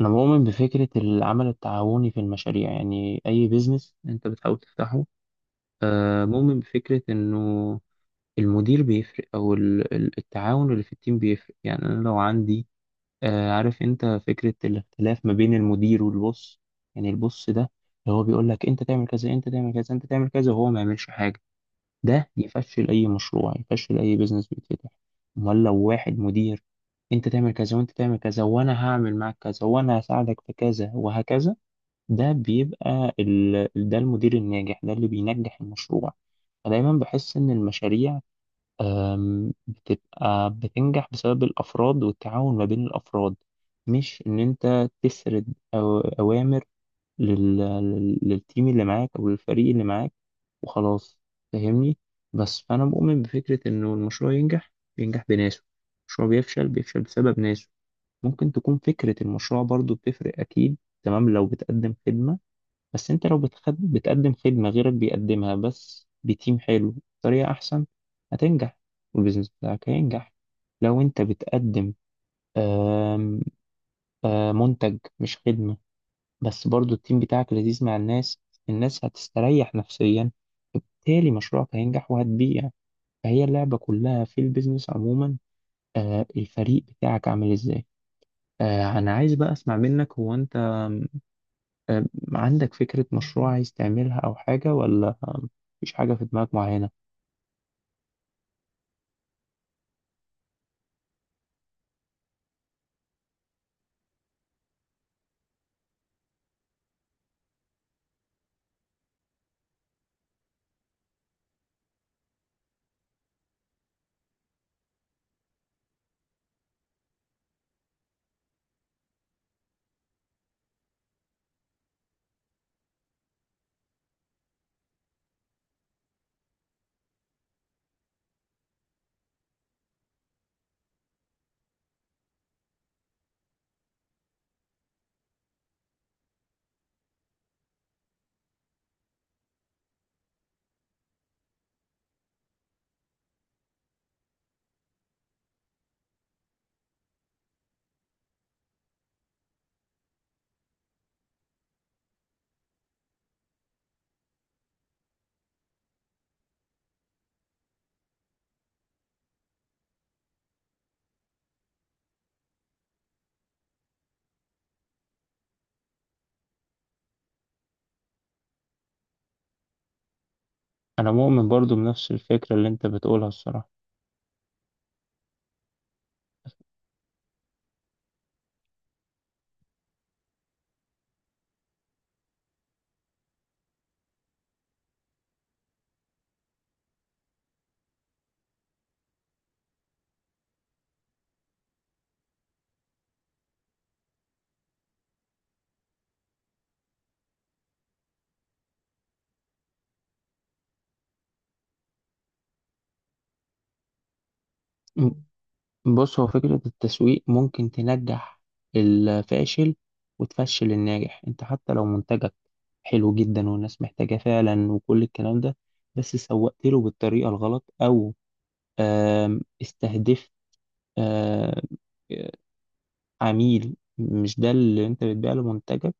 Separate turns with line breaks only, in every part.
أنا مؤمن بفكرة العمل التعاوني في المشاريع، يعني أي بيزنس أنت بتحاول تفتحه. مؤمن بفكرة إنه المدير بيفرق، أو التعاون اللي في التيم بيفرق. يعني أنا لو عندي عارف أنت فكرة الاختلاف ما بين المدير والبوس. يعني البوس ده اللي هو بيقول لك أنت تعمل كذا، أنت تعمل كذا، أنت تعمل كذا، وهو ما يعملش حاجة. ده يفشل اي مشروع، يفشل اي بيزنس بيتفتح. امال لو واحد مدير، انت تعمل كذا وانت تعمل كذا وانا هعمل معاك كذا وانا هساعدك في كذا وهكذا، ده بيبقى ده المدير الناجح، ده اللي بينجح المشروع. فدايما بحس ان المشاريع بتبقى بتنجح بسبب الافراد والتعاون ما بين الافراد، مش ان انت تسرد اوامر للتيم اللي معاك او للفريق اللي معاك وخلاص. فاهمني؟ بس فأنا مؤمن بفكرة إنه المشروع ينجح، بينجح بناسه، المشروع بيفشل، بيفشل بسبب ناسه. ممكن تكون فكرة المشروع برضو بتفرق، أكيد، تمام، لو بتقدم خدمة. بس أنت لو بتقدم خدمة غيرك بيقدمها، بس بتيم حلو بطريقة أحسن، هتنجح والبيزنس بتاعك هينجح. لو أنت بتقدم آم، آم، منتج مش خدمة، بس برضو التيم بتاعك لذيذ مع الناس، الناس هتستريح نفسيا، بالتالي مشروعك هينجح وهتبيع. فهي اللعبة كلها في البيزنس عموما، آه، الفريق بتاعك عامل ازاي. آه، انا عايز بقى اسمع منك، هو انت آم، آم، عندك فكرة مشروع عايز تعملها او حاجة، ولا مفيش حاجة في دماغك معينة؟ انا مؤمن برضو بنفس الفكرة اللي انت بتقولها الصراحة. م- بص، هو فكرة التسويق ممكن تنجح الفاشل وتفشل الناجح. انت حتى لو منتجك حلو جدا والناس محتاجاه فعلا وكل الكلام ده، بس سوقت له بالطريقة الغلط، او استهدفت آم، عميل مش ده اللي انت بتبيع له منتجك،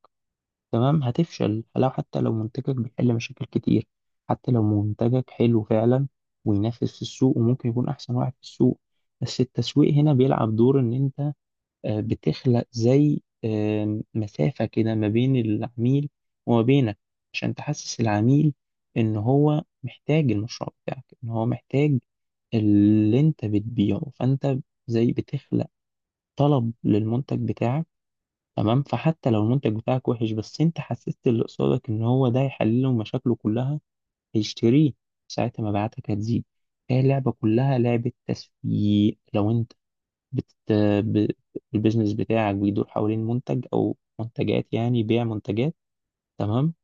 تمام، هتفشل. لو حتى لو منتجك بيحل مشاكل كتير، حتى لو منتجك حلو فعلا وينافس في السوق وممكن يكون احسن واحد في السوق، بس التسويق هنا بيلعب دور ان انت بتخلق زي مسافة كده ما بين العميل وما بينك، عشان تحسس العميل ان هو محتاج المشروع بتاعك، ان هو محتاج اللي انت بتبيعه. فانت زي بتخلق طلب للمنتج بتاعك، تمام. فحتى لو المنتج بتاعك وحش، بس انت حسست اللي قصادك ان هو ده يحل له مشاكله كلها، هيشتريه، ساعتها مبيعاتك هتزيد. هي اللعبة كلها لعبة تسويق. لو انت بت... ب... البيزنس بتاعك بيدور حوالين منتج او منتجات، يعني بيع منتجات، تمام،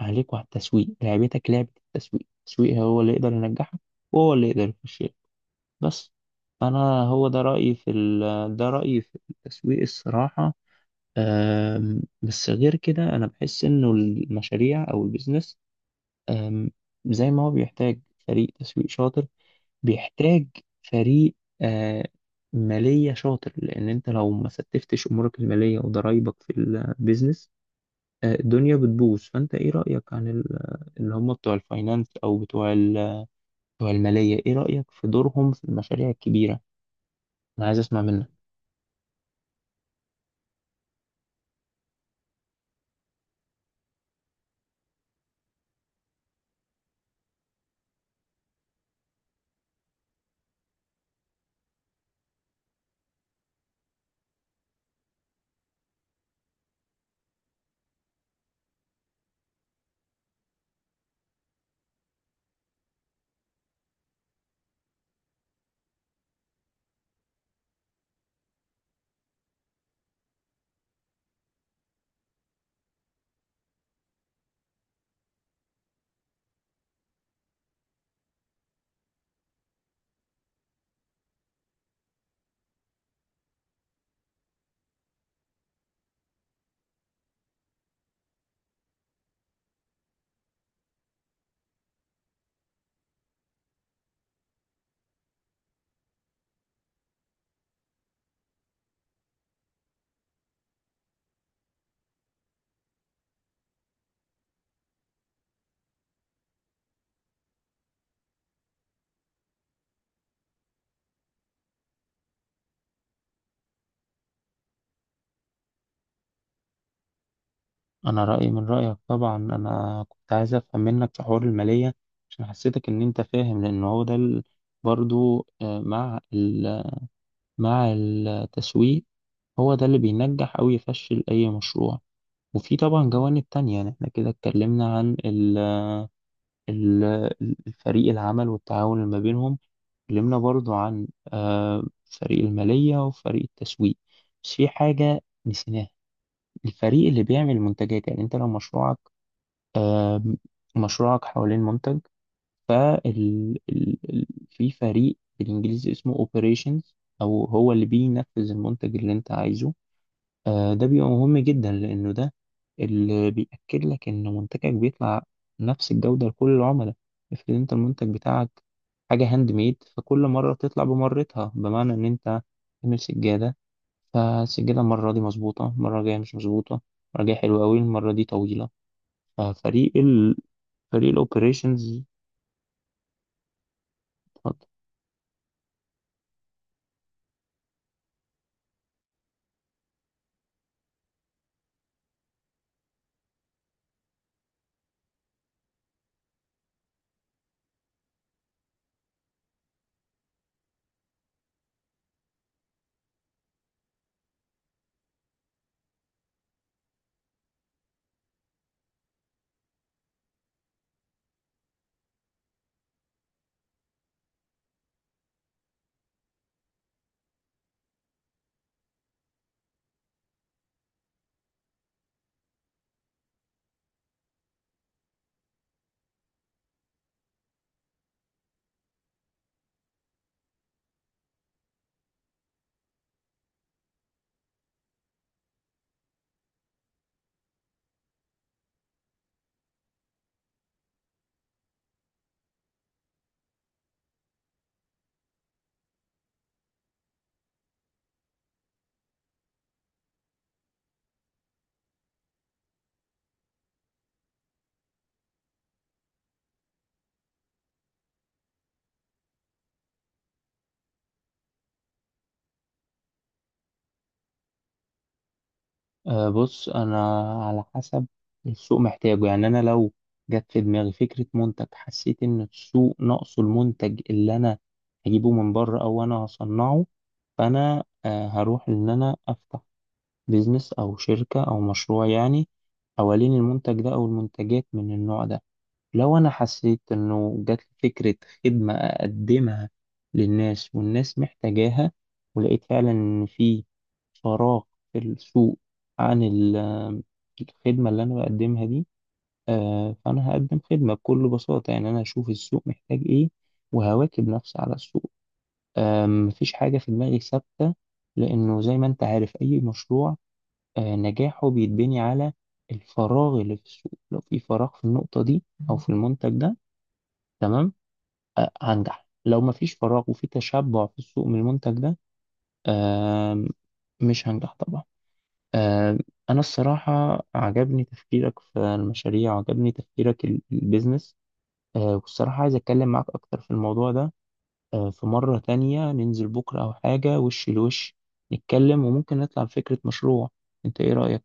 عليك وعلى التسويق، لعبتك لعبة التسويق هو اللي يقدر ينجحك وهو اللي يقدر يخش. بس انا هو ده رأيي في ده رأيي في التسويق الصراحة. بس غير كده انا بحس انه المشاريع او البيزنس، أم، زي ما هو بيحتاج فريق تسويق شاطر، بيحتاج فريق آه، مالية شاطر، لان انت لو ما ستفتش امورك المالية وضرايبك في البيزنس، الدنيا بتبوظ. فانت ايه رأيك عن اللي هم بتوع الفاينانس، او بتوع بتوع المالية؟ ايه رأيك في دورهم في المشاريع الكبيرة؟ انا عايز اسمع منك. انا رايي من رايك طبعا. انا كنت عايز افهم منك في حوار الماليه عشان حسيتك ان انت فاهم، لان هو ده برضو مع مع التسويق، هو ده اللي بينجح او يفشل اي مشروع. وفي طبعا جوانب تانية، يعني احنا كده اتكلمنا عن ال- الفريق العمل والتعاون اللي ما بينهم، اتكلمنا برضو عن فريق الماليه وفريق التسويق، بس في حاجه نسيناها، الفريق اللي بيعمل المنتجات. يعني انت لو مشروعك حوالين منتج، في فريق بالإنجليزي اسمه operations، أو هو اللي بينفذ المنتج اللي أنت عايزه. ده بيبقى مهم جدا، لأنه ده اللي بيأكد لك إن منتجك بيطلع نفس الجودة لكل العملاء. افرض أنت المنتج بتاعك حاجة هاند ميد، فكل مرة تطلع بمرتها، بمعنى إن أنت تعمل سجادة، فالسجادة المرة دي مظبوطة، المرة الجاية مش مظبوطة، المرة الجاية حلوة أوي، المرة دي طويلة. ففريق، فريق الاوبريشنز. اتفضل. أه، بص، انا على حسب السوق محتاجه، يعني انا لو جت في دماغي فكره منتج، حسيت ان السوق ناقصه المنتج اللي انا هجيبه من بره او انا هصنعه، فانا أه هروح ان انا افتح بيزنس او شركه او مشروع، يعني حوالين المنتج ده او المنتجات من النوع ده. لو أنا حسيت إنه جات لي فكرة خدمة أقدمها للناس والناس محتاجاها، ولقيت فعلا إن في فراغ في السوق عن الخدمة اللي أنا بقدمها دي، فأنا هقدم خدمة بكل بساطة. يعني أنا هشوف السوق محتاج إيه وهواكب نفسي على السوق. مفيش حاجة في دماغي ثابتة، لأنه زي ما أنت عارف أي مشروع نجاحه بيتبني على الفراغ اللي في السوق. لو في فراغ في النقطة دي أو في المنتج ده، تمام، هنجح. لو مفيش فراغ وفي تشبع في السوق من المنتج ده، آم، مش هنجح طبعا. آم، أنا الصراحة عجبني تفكيرك في المشاريع، وعجبني تفكيرك البيزنس، والصراحة عايز أتكلم معاك أكتر في الموضوع ده. في مرة تانية ننزل بكرة أو حاجة، وش لوش نتكلم وممكن نطلع بفكرة مشروع. أنت إيه رأيك؟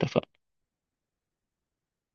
اتفقنا؟